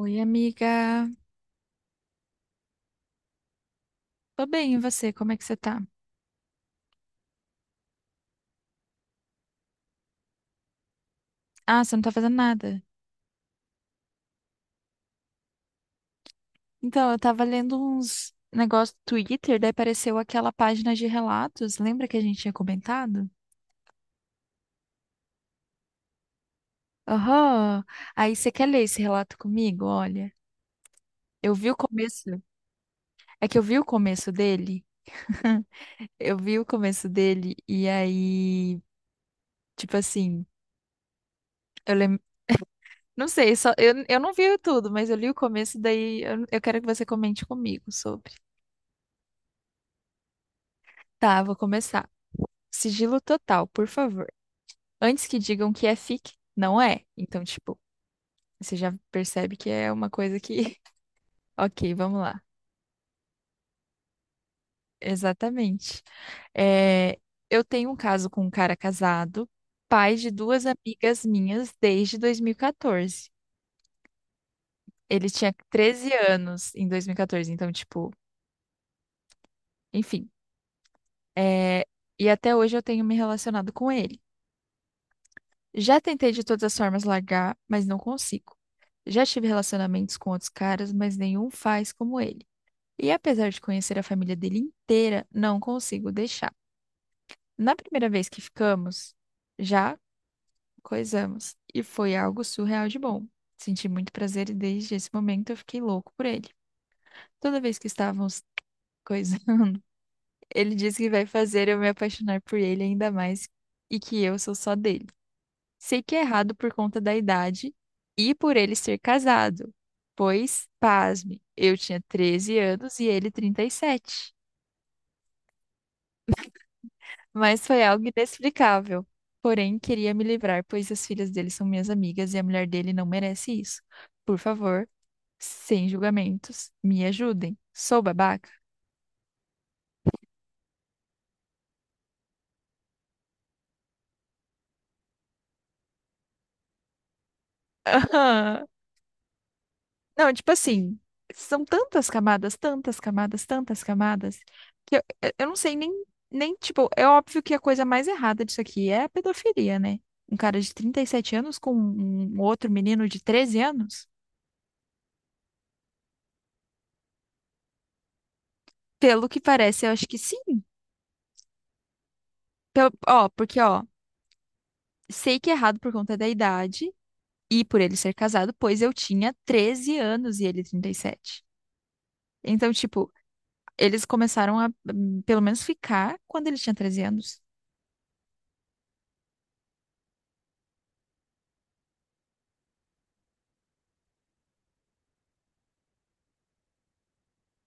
Oi, amiga. Tô bem, e você? Como é que você tá? Ah, você não tá fazendo nada. Então, eu tava lendo uns negócios do Twitter, daí apareceu aquela página de relatos. Lembra que a gente tinha comentado? Aham. Aí você quer ler esse relato comigo? Olha, eu vi o começo. É que eu vi o começo dele. Eu vi o começo dele e aí, tipo assim, eu lembro. Não sei, só, eu não vi tudo, mas eu li o começo, daí eu quero que você comente comigo sobre. Tá, vou começar. Sigilo total, por favor. Antes que digam que é fic, não é. Então, tipo, você já percebe que é uma coisa que. Ok, vamos lá. Exatamente. É, eu tenho um caso com um cara casado, pai de duas amigas minhas desde 2014. Ele tinha 13 anos em 2014, então, tipo, enfim. é, E até hoje eu tenho me relacionado com ele. Já tentei de todas as formas largar, mas não consigo. Já tive relacionamentos com outros caras, mas nenhum faz como ele. E apesar de conhecer a família dele inteira, não consigo deixar. Na primeira vez que ficamos, já coisamos. E foi algo surreal de bom. Senti muito prazer e desde esse momento eu fiquei louco por ele. Toda vez que estávamos coisando, ele disse que vai fazer eu me apaixonar por ele ainda mais e que eu sou só dele. Sei que é errado por conta da idade e por ele ser casado, pois, pasme, eu tinha 13 anos e ele 37. Mas foi algo inexplicável. Porém, queria me livrar, pois as filhas dele são minhas amigas e a mulher dele não merece isso. Por favor, sem julgamentos, me ajudem. Sou babaca? Não, tipo assim, são tantas camadas, tantas camadas, tantas camadas, que eu não sei nem, tipo, é óbvio que a coisa mais errada disso aqui é a pedofilia, né? Um cara de 37 anos com um outro menino de 13 anos? Pelo que parece, eu acho que sim. Ó, porque, ó, sei que é errado por conta da idade e por ele ser casado, pois eu tinha 13 anos e ele 37. Então, tipo, eles começaram a, pelo menos, ficar quando ele tinha 13 anos.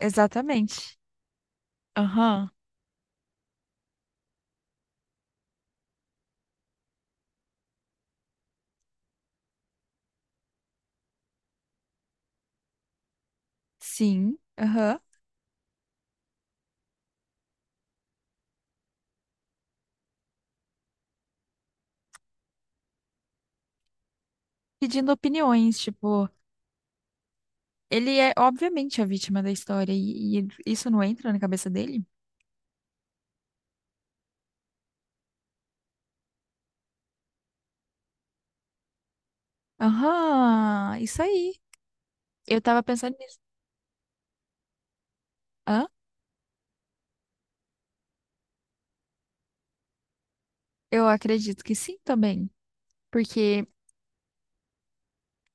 Exatamente. Aham, sim, aham. Pedindo opiniões, tipo, ele é obviamente a vítima da história e isso não entra na cabeça dele? Aham, isso aí. Eu tava pensando nisso. Hã? Eu acredito que sim também, porque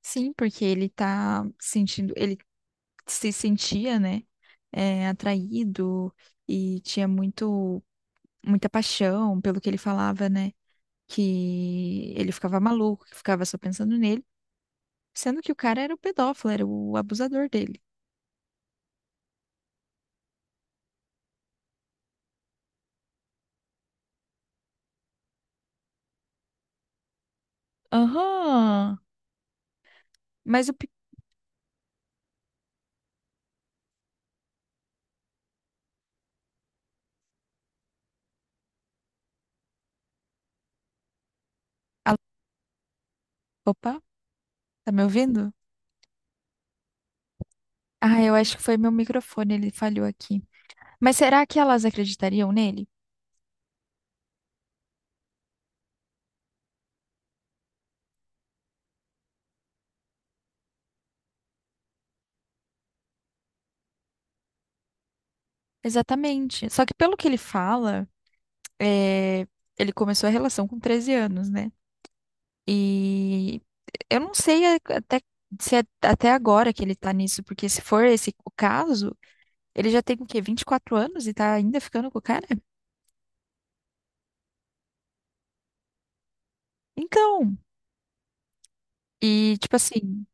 sim, porque ele tá sentindo, ele se sentia, né, atraído e tinha muito muita paixão pelo que ele falava, né? Que ele ficava maluco, que ficava só pensando nele. Sendo que o cara era o pedófilo, era o abusador dele. Aham. Mas o. pe- Alô? Opa, tá me ouvindo? Ah, eu acho que foi meu microfone, ele falhou aqui. Mas será que elas acreditariam nele? Exatamente. Só que pelo que ele fala, é, ele começou a relação com 13 anos, né? E eu não sei até se é até agora que ele tá nisso, porque se for esse o caso, ele já tem o quê? 24 anos e tá ainda ficando com o cara? Então, e tipo assim.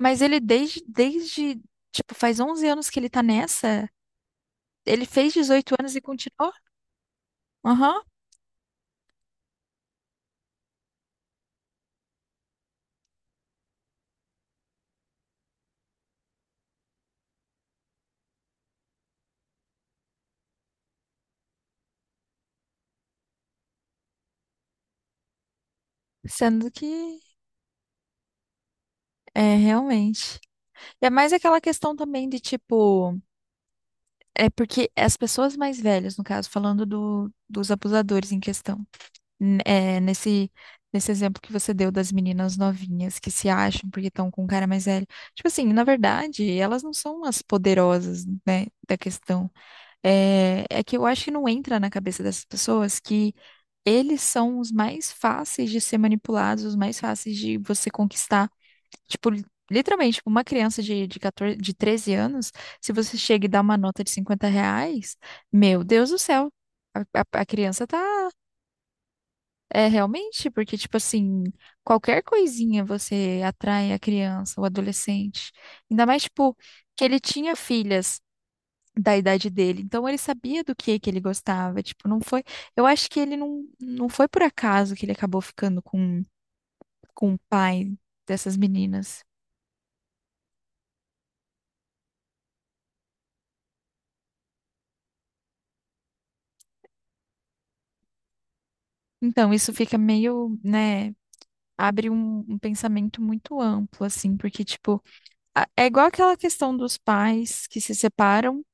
Mas ele desde, tipo, faz 11 anos que ele tá nessa. Ele fez 18 anos e continuou? Aham. Sendo que, realmente. E é mais aquela questão também de, tipo, é porque as pessoas mais velhas, no caso, falando dos abusadores em questão, n- é, nesse, nesse exemplo que você deu das meninas novinhas que se acham porque estão com um cara mais velho. Tipo assim, na verdade, elas não são as poderosas, né, da questão. É que eu acho que não entra na cabeça dessas pessoas que eles são os mais fáceis de ser manipulados, os mais fáceis de você conquistar. Tipo, literalmente, tipo, uma criança de 14, de 13 anos, se você chega e dá uma nota de R$ 50, meu Deus do céu, a criança tá. É realmente, porque, tipo assim, qualquer coisinha você atrai a criança, o adolescente. Ainda mais, tipo, que ele tinha filhas da idade dele. Então ele sabia do que ele gostava, tipo, não foi, eu acho que ele não foi por acaso que ele acabou ficando com o pai dessas meninas. Então isso fica meio, né, abre um pensamento muito amplo assim, porque tipo, é igual aquela questão dos pais que se separam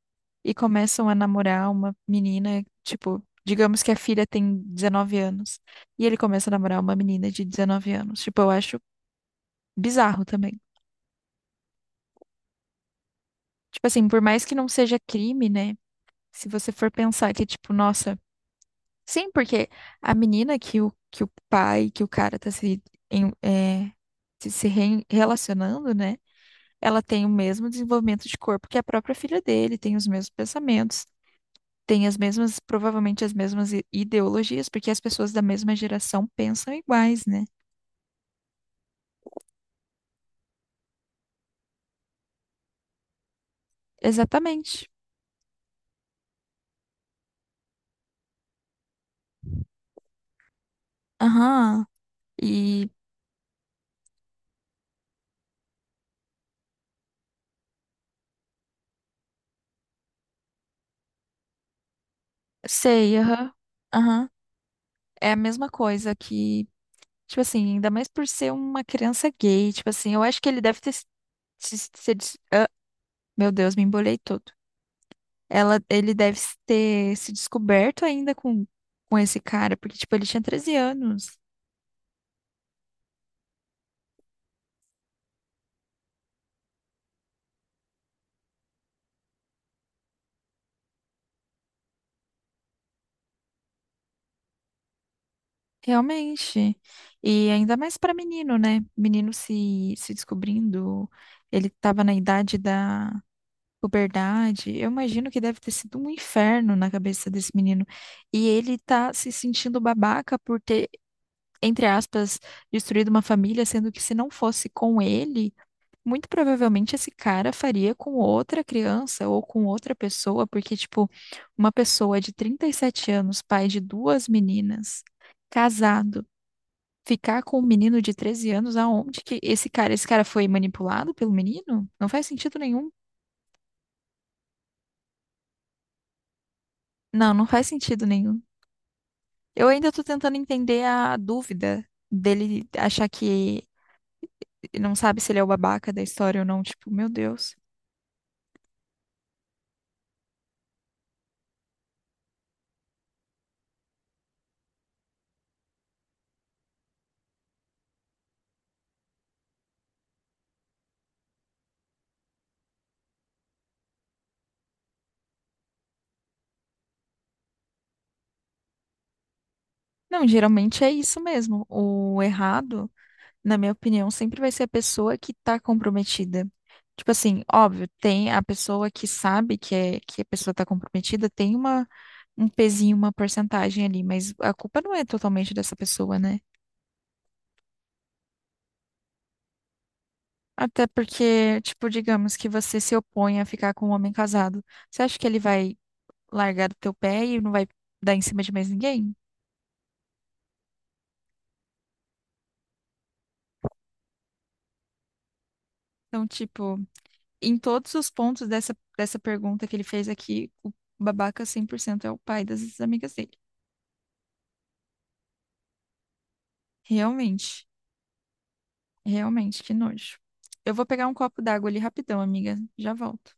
e começam a namorar uma menina, tipo, digamos que a filha tem 19 anos e ele começa a namorar uma menina de 19 anos. Tipo, eu acho bizarro também. Tipo assim, por mais que não seja crime, né? Se você for pensar que, tipo, nossa. Sim, porque a menina que o cara tá se, em- é, se relacionando, né? Ela tem o mesmo desenvolvimento de corpo que a própria filha dele, tem os mesmos pensamentos, tem as mesmas, provavelmente as mesmas ideologias, porque as pessoas da mesma geração pensam iguais, né? Exatamente. Aham. E sei, aham. Aham. É a mesma coisa que. Tipo assim, ainda mais por ser uma criança gay, tipo assim, eu acho que ele deve ter se, se- se des- ah, meu Deus, me embolei todo. Ele deve se ter se descoberto ainda com esse cara, porque, tipo, ele tinha 13 anos, realmente. E ainda mais pra menino, né? Menino se descobrindo, ele tava na idade da puberdade. Eu imagino que deve ter sido um inferno na cabeça desse menino. E ele tá se sentindo babaca por ter entre aspas, destruído uma família, sendo que se não fosse com ele, muito provavelmente esse cara faria com outra criança ou com outra pessoa, porque, tipo, uma pessoa de 37 anos, pai de duas meninas, casado, ficar com um menino de 13 anos, aonde que esse cara foi manipulado pelo menino? Não faz sentido nenhum. Não, não faz sentido nenhum. Eu ainda tô tentando entender a dúvida dele achar que não sabe se ele é o babaca da história ou não. Tipo, meu Deus. Não, geralmente é isso mesmo. O errado, na minha opinião, sempre vai ser a pessoa que tá comprometida. Tipo assim, óbvio, tem a pessoa que sabe que a pessoa tá comprometida, tem um pezinho, uma porcentagem ali, mas a culpa não é totalmente dessa pessoa, né? Até porque, tipo, digamos que você se opõe a ficar com um homem casado. Você acha que ele vai largar do teu pé e não vai dar em cima de mais ninguém? Então, tipo, em todos os pontos dessa pergunta que ele fez aqui, o babaca 100% é o pai das amigas dele. Realmente, realmente, que nojo. Eu vou pegar um copo d'água ali rapidão, amiga. Já volto.